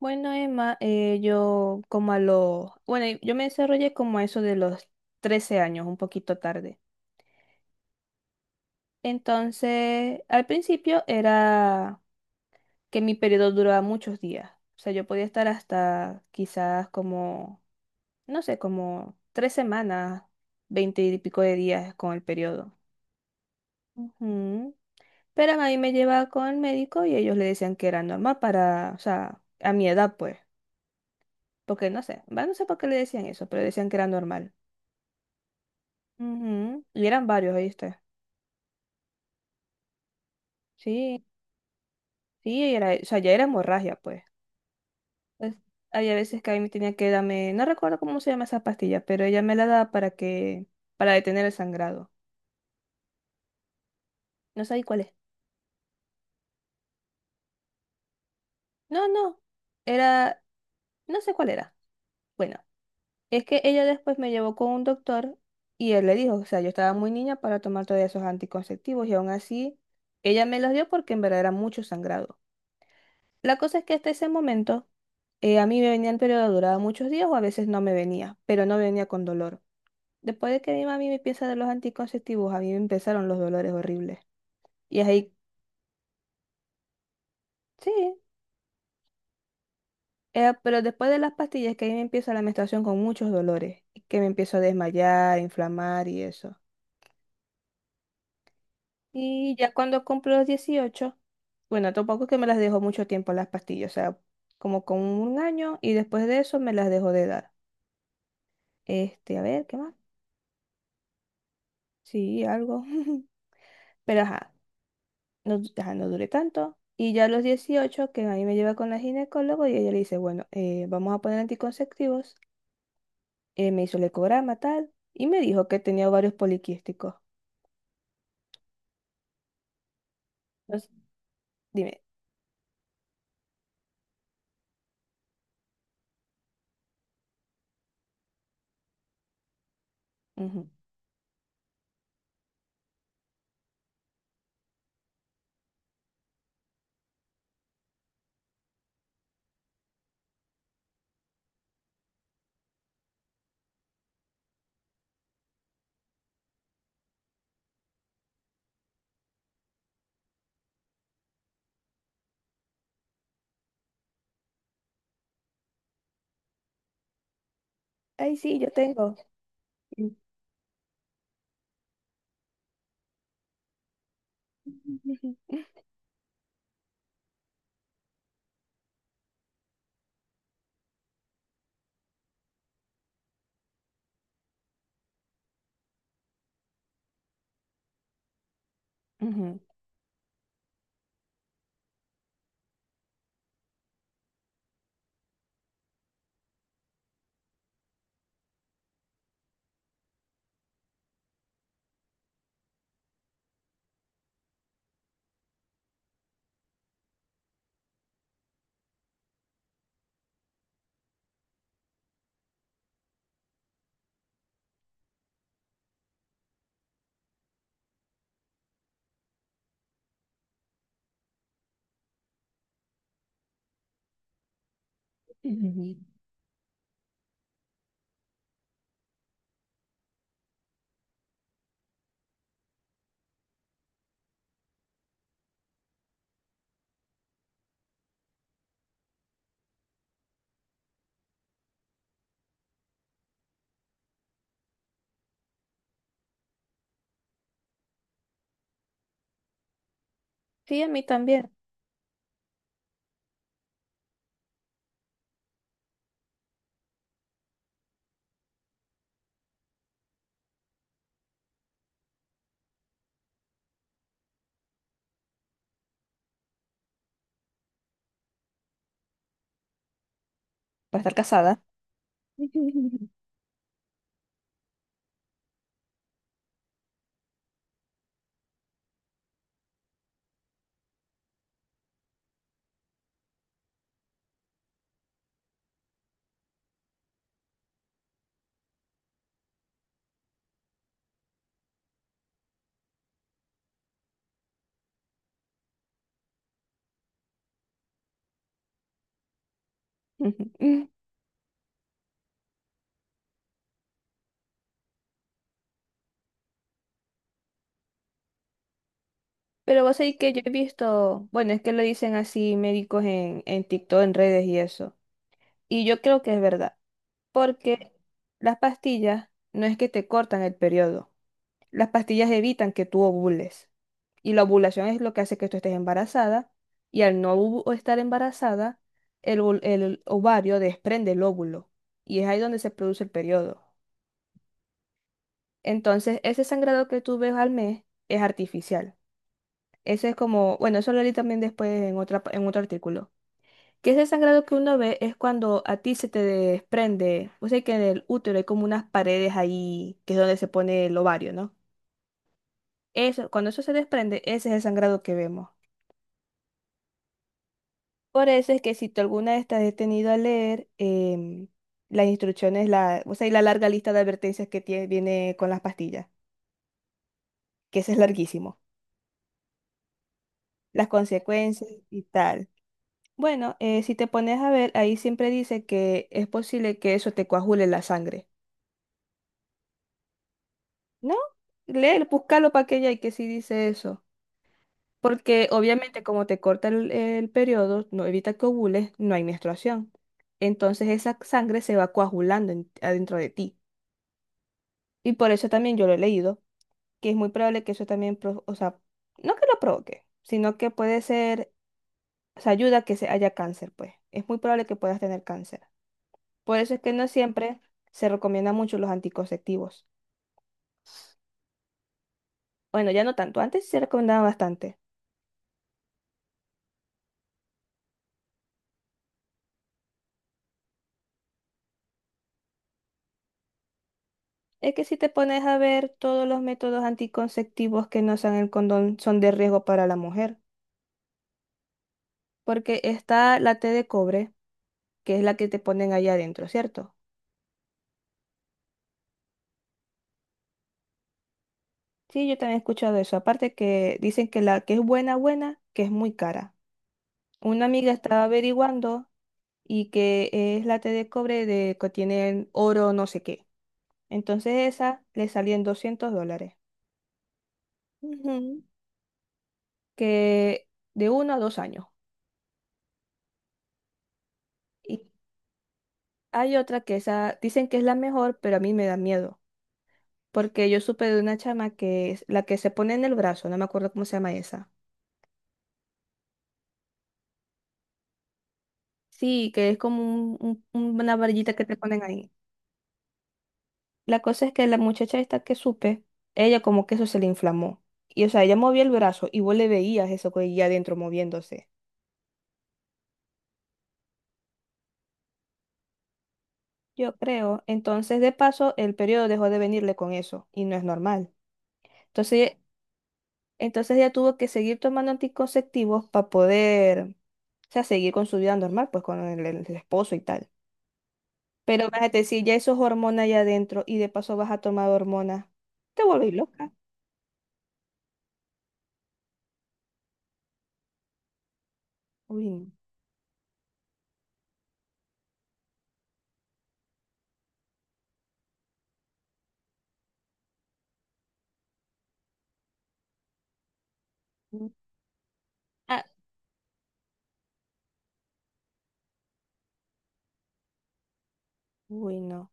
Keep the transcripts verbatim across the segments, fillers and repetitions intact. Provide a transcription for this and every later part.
Bueno, Emma, eh, yo como a los, bueno, yo me desarrollé como a eso de los trece años, un poquito tarde. Entonces, al principio era que mi periodo duraba muchos días. O sea, yo podía estar hasta quizás como, no sé, como tres semanas, veinte y pico de días con el periodo. Ujú. Pero a mí me llevaba con el médico y ellos le decían que era normal para, o sea, a mi edad, pues. Porque no sé, va, no sé por qué le decían eso, pero decían que era normal. Ujú, y eran varios, ¿oíste? Sí, sí, era, o sea, ya era hemorragia, pues. Pues, había veces que a mí me tenía que darme, no recuerdo cómo se llama esa pastilla, pero ella me la daba para que, para detener el sangrado. No sabía cuál es. No, no, era, no sé cuál era. Bueno, es que ella después me llevó con un doctor y él le dijo, o sea, yo estaba muy niña para tomar todavía esos anticonceptivos y aún así, ella me los dio porque en verdad era mucho sangrado. La cosa es que hasta ese momento eh, a mí me venía el periodo, duraba muchos días o a veces no me venía, pero no venía con dolor. Después de que mi mami me empieza a dar los anticonceptivos, a mí me empezaron los dolores horribles. Y es ahí, sí, eh, pero después de las pastillas que ahí me empieza la menstruación con muchos dolores, y que me empiezo a desmayar, inflamar y eso. Y ya cuando cumplo los dieciocho, bueno, tampoco es que me las dejo mucho tiempo las pastillas, o sea, como con un año y después de eso me las dejo de dar. Este, a ver, ¿qué más? Sí, algo. Pero ajá, no, ajá, no duré tanto. Y ya a los dieciocho que a mí me lleva con la ginecólogo y ella le dice, bueno, eh, vamos a poner anticonceptivos. Eh, me hizo el ecograma, tal, y me dijo que tenía ovarios poliquísticos. Entonces, dime, ujú. Ay, sí, yo tengo. Ujú. Ujú. Ujú. Sí, a mí también. Para estar casada. Ujú. Pero vos sabés que yo he visto, bueno, es que lo dicen así médicos en, en TikTok, en redes y eso. Y yo creo que es verdad, porque las pastillas no es que te cortan el periodo, las pastillas evitan que tú ovules. Y la ovulación es lo que hace que tú estés embarazada y al no ovu- estar embarazada, el, ov- el ovario desprende el óvulo y es ahí donde se produce el periodo. Entonces, ese sangrado que tú ves al mes es artificial. Eso es como, bueno, eso lo leí también después en otra, pa- en otro artículo. Que ese sangrado que uno ve es cuando a ti se te desprende, o sea que en el útero hay como unas paredes ahí, que es donde se pone el ovario, ¿no? Eso, cuando eso se desprende, ese es el sangrado que vemos. Por eso es que si tú alguna vez te has detenido a leer em, las instrucciones, la, o sea, y la larga lista de advertencias que tiene, viene con las pastillas, que ese es larguísimo, las consecuencias y tal. Bueno, eh, si te pones a ver, ahí siempre dice que es posible que eso te coagule la sangre. No, léelo, búscalo para que haya y que sí dice eso. Porque obviamente como te corta el, el periodo, no evita que ovules, no hay menstruación. Entonces esa sangre se va coagulando en- adentro de ti. Y por eso también yo lo he leído, que es muy probable que eso también, pro- o sea, no que lo provoque, sino que puede ser, o sea, ayuda a que se haya cáncer, pues. Es muy probable que puedas tener cáncer. Por eso es que no siempre se recomiendan mucho los anticonceptivos. Bueno, ya no tanto, antes sí se recomendaban bastante. Es que si te pones a ver, todos los métodos anticonceptivos que no sean el condón son de riesgo para la mujer, porque está la T de cobre, que es la que te ponen allá adentro, ¿cierto? Sí, yo también he escuchado eso. Aparte que dicen que la que es buena, buena, que es muy cara. Una amiga estaba averiguando y que es la T de cobre de que tienen oro no sé qué. Entonces esa le salía en doscientos dólares. Ujú. Que de uno a dos años. Hay otra que esa, dicen que es la mejor, pero a mí me da miedo, porque yo supe de una chama que es la que se pone en el brazo, no me acuerdo cómo se llama esa. Sí, que es como un- un- un- una varillita que te ponen ahí. La cosa es que la muchacha esta que supe, ella como que eso se le inflamó. Y o sea, ella movía el brazo y vos le veías eso que ella adentro moviéndose. Yo creo, entonces de paso el periodo dejó de venirle con eso y no es normal. Entonces Entonces ella tuvo que seguir tomando anticonceptivos para poder, o sea, seguir con su vida normal, pues con el, el- el esposo y tal. Pero imagínate, si ya eso es hormona allá adentro y de paso vas a tomar hormonas, te vuelves loca. Uy, no. Mm. Ah, uy, no.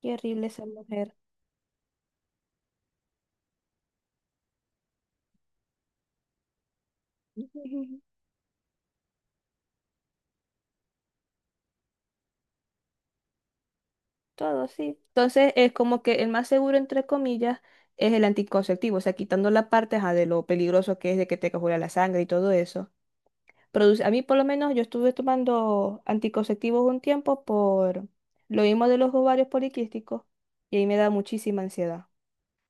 Qué horrible esa mujer. Todo, sí. Entonces es como que el más seguro, entre comillas, es el anticonceptivo, o sea, quitando la parte ajá, de lo peligroso que es de que te coagula la sangre y todo eso. Produce- a mí por lo menos yo estuve tomando anticonceptivos un tiempo por lo mismo de los ovarios poliquísticos y ahí me da muchísima ansiedad.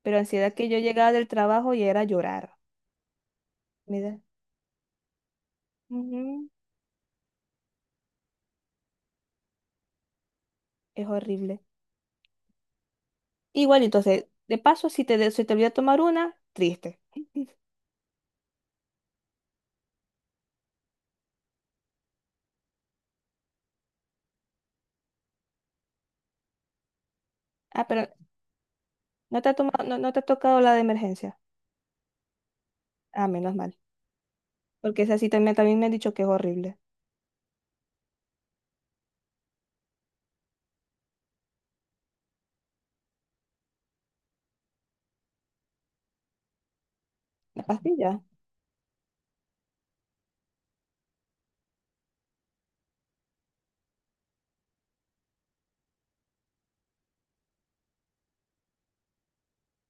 Pero ansiedad que yo llegaba del trabajo y era llorar. Me da- Ujú, es horrible. Igual, entonces, de paso, si te, de- se te olvida tomar una, triste. Ah, pero no te ha tomado, no, no te ha tocado la de emergencia. Ah, menos mal. Porque esa sí también, también me han dicho que es horrible. La pastilla.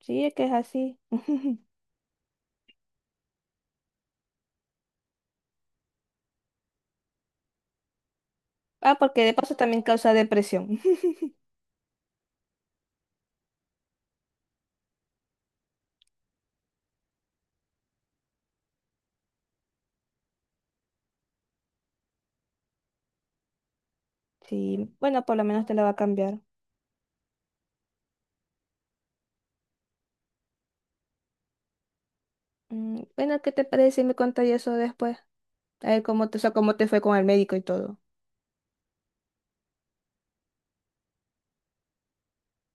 Sí, es que es así. Ah, porque de paso también causa depresión. Sí, bueno, por lo menos te la va a cambiar. Mm, bueno, ¿qué te parece si me contas eso después? A ver cómo te, o sea, cómo te fue con el médico y todo.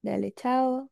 Dale, chao.